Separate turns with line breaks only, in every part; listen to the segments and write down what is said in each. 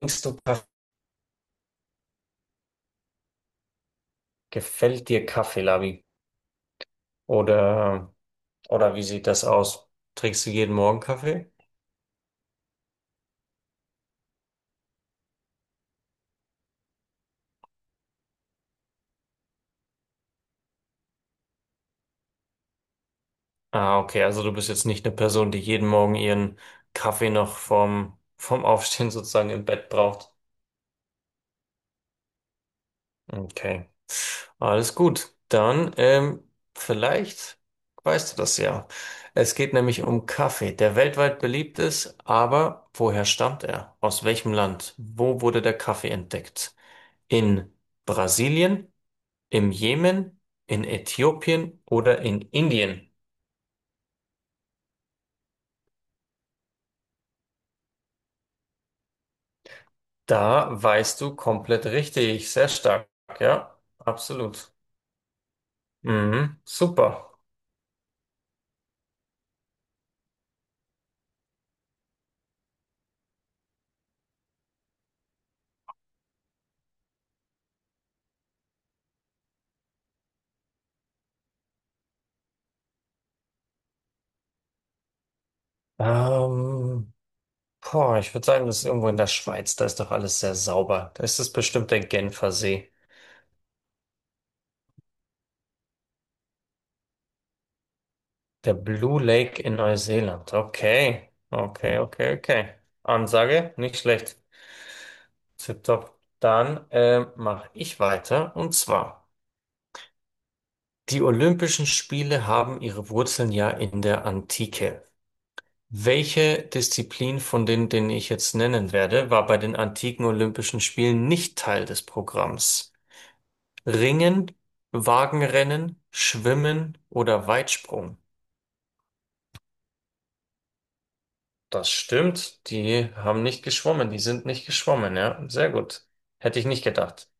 Trinkst du Kaffee? Gefällt dir Kaffee, Labi? Oder, oder wie sieht das aus? Trinkst du jeden Morgen Kaffee? Ah, okay, also du bist jetzt nicht eine Person, die jeden Morgen ihren Kaffee noch vom Aufstehen sozusagen im Bett braucht. Okay, alles gut. Dann, vielleicht weißt du das ja. Es geht nämlich um Kaffee, der weltweit beliebt ist, aber woher stammt er? Aus welchem Land? Wo wurde der Kaffee entdeckt? In Brasilien? Im Jemen, in Äthiopien oder in Indien? Da weißt du komplett richtig. Sehr stark. Ja, absolut. Mhm, super. Ähm, boah, ich würde sagen, das ist irgendwo in der Schweiz. Da ist doch alles sehr sauber. Da ist es bestimmt der Genfer See. Der Blue Lake in Neuseeland. Okay. Okay, okay, okay. Ansage, nicht schlecht. Tipptopp. Dann mache ich weiter. Und zwar, die Olympischen Spiele haben ihre Wurzeln ja in der Antike. Welche Disziplin von denen ich jetzt nennen werde, war bei den antiken Olympischen Spielen nicht Teil des Programms? Ringen, Wagenrennen, Schwimmen oder Weitsprung? Das stimmt, die haben nicht geschwommen, die sind nicht geschwommen, ja, sehr gut. Hätte ich nicht gedacht.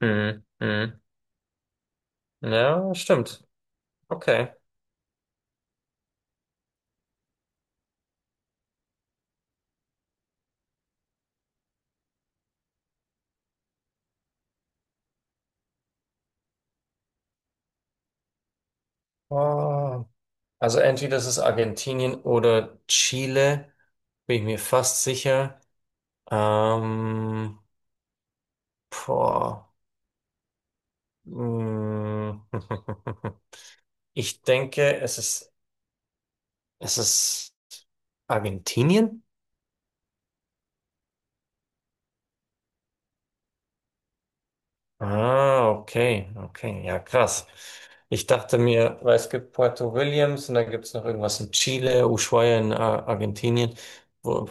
Mhm. Mhm. Ja, stimmt. Okay. Ah. Also entweder ist es Argentinien oder Chile, bin ich mir fast sicher. Ähm, boah. Mm. Ich denke, es ist Argentinien? Ah, okay, okay, ja, krass. Ich dachte mir, weil es gibt Puerto Williams und dann gibt es noch irgendwas in Chile, Ushuaia in Argentinien, wo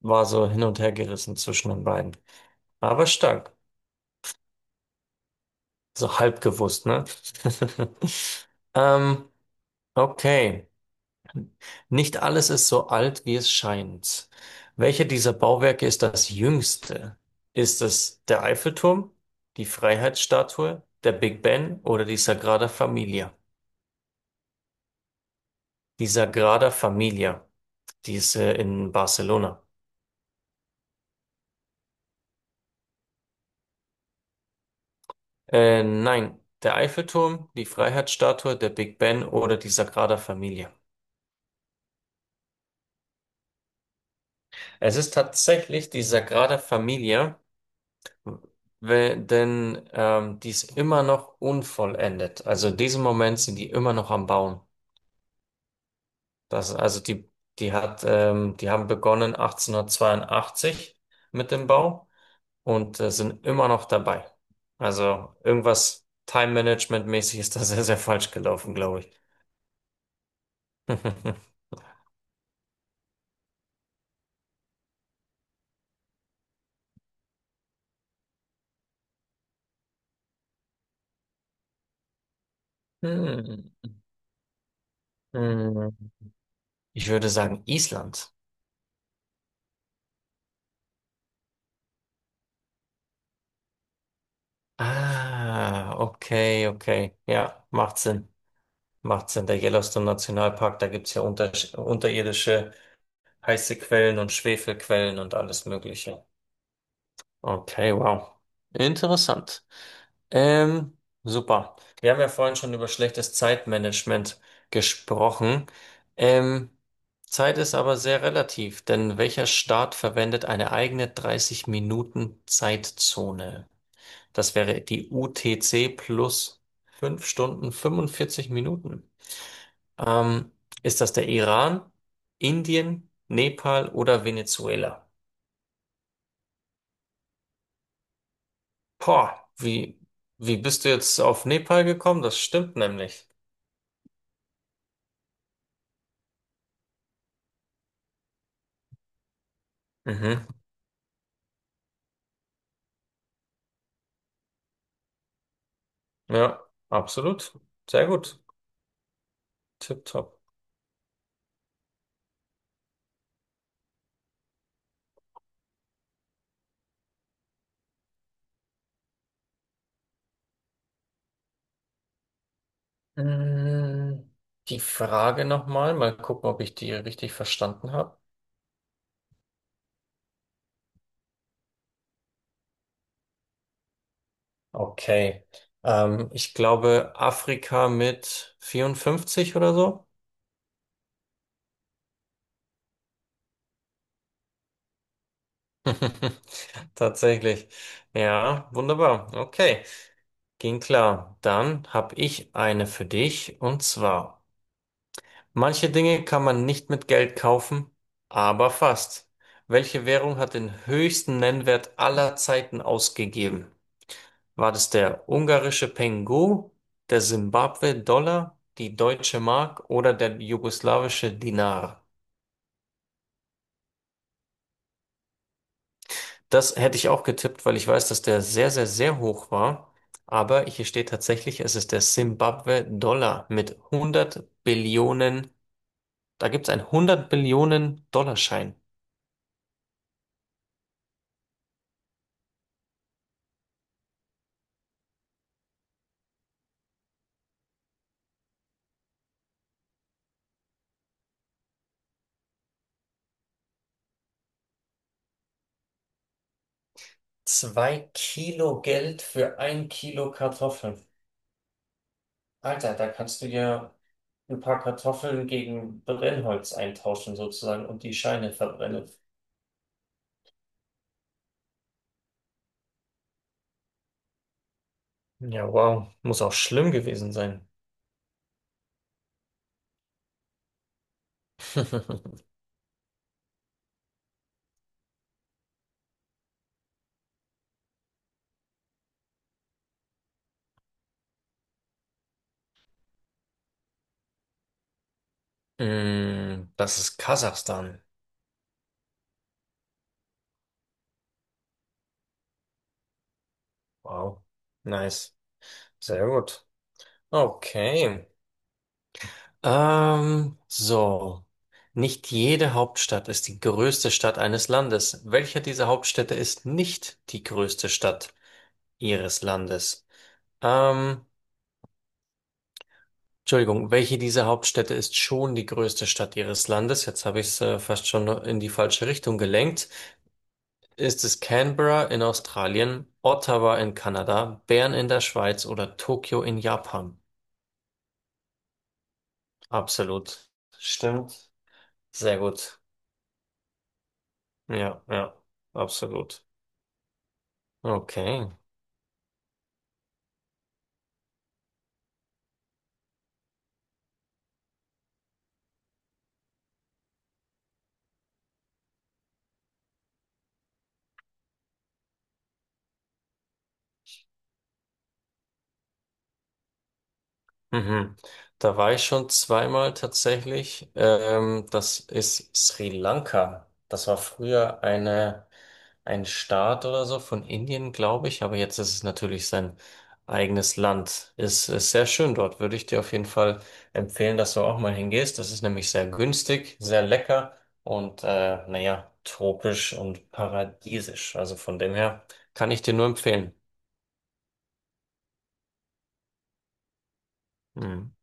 war so hin und her gerissen zwischen den beiden. Aber stark. So halb gewusst, ne? Ähm, okay. Nicht alles ist so alt, wie es scheint. Welche dieser Bauwerke ist das jüngste? Ist es der Eiffelturm, die Freiheitsstatue, der Big Ben oder die Sagrada Familia? Die Sagrada Familia, die ist in Barcelona. Nein, der Eiffelturm, die Freiheitsstatue, der Big Ben oder die Sagrada Familia. Es ist tatsächlich die Sagrada Familia. Denn die ist immer noch unvollendet. Also in diesem Moment sind die immer noch am Bauen. Das, also die, die hat, die haben begonnen 1882 mit dem Bau und sind immer noch dabei. Also irgendwas Time-Management-mäßig ist da sehr, sehr falsch gelaufen, glaube ich. Hm. Hm. Ich würde sagen Island. Ah, okay, okay. Ja, macht Sinn. Macht Sinn. Der Yellowstone Nationalpark, da gibt's ja unterirdische heiße Quellen und Schwefelquellen und alles Mögliche. Okay, wow. Interessant. Ähm, super. Wir haben ja vorhin schon über schlechtes Zeitmanagement gesprochen. Ähm, Zeit ist aber sehr relativ, denn welcher Staat verwendet eine eigene 30 Minuten Zeitzone? Das wäre die UTC plus 5 Stunden 45 Minuten. Ähm, ist das der Iran, Indien, Nepal oder Venezuela? Boah, wie bist du jetzt auf Nepal gekommen? Das stimmt nämlich. Mhm. Ja, absolut. Sehr gut. Tipptopp. Mm, Die Frage nochmal, mal gucken, ob ich die richtig verstanden habe. Okay. Ich glaube Afrika mit 54 oder so. Tatsächlich. Ja, wunderbar. Okay. Ging klar. Dann habe ich eine für dich, und zwar, manche Dinge kann man nicht mit Geld kaufen, aber fast. Welche Währung hat den höchsten Nennwert aller Zeiten ausgegeben? War das der ungarische Pengo, der Simbabwe-Dollar, die deutsche Mark oder der jugoslawische Dinar? Das hätte ich auch getippt, weil ich weiß, dass der sehr, sehr, sehr hoch war. Aber hier steht tatsächlich, es ist der Simbabwe-Dollar mit 100 Billionen. Da gibt's einen 100 Billionen Dollarschein. 2 Kilo Geld für 1 Kilo Kartoffeln. Alter, da kannst du ja ein paar Kartoffeln gegen Brennholz eintauschen sozusagen und die Scheine verbrennen. Ja, wow. Muss auch schlimm gewesen sein. Das ist Kasachstan. Wow. Nice. Sehr gut. Okay. So. Nicht jede Hauptstadt ist die größte Stadt eines Landes. Welche dieser Hauptstädte ist nicht die größte Stadt ihres Landes? Ähm, Entschuldigung, welche dieser Hauptstädte ist schon die größte Stadt ihres Landes? Jetzt habe ich es fast schon in die falsche Richtung gelenkt. Ist es Canberra in Australien, Ottawa in Kanada, Bern in der Schweiz oder Tokio in Japan? Absolut. Stimmt. Sehr gut. Ja, ja, absolut. Okay. Mhm. Da war ich schon zweimal tatsächlich. Das ist Sri Lanka. Das war früher ein Staat oder so von Indien, glaube ich. Aber jetzt ist es natürlich sein eigenes Land. Ist sehr schön dort. Würde ich dir auf jeden Fall empfehlen, dass du auch mal hingehst. Das ist nämlich sehr günstig, sehr lecker und naja, tropisch und paradiesisch. Also von dem her kann ich dir nur empfehlen. Mhm.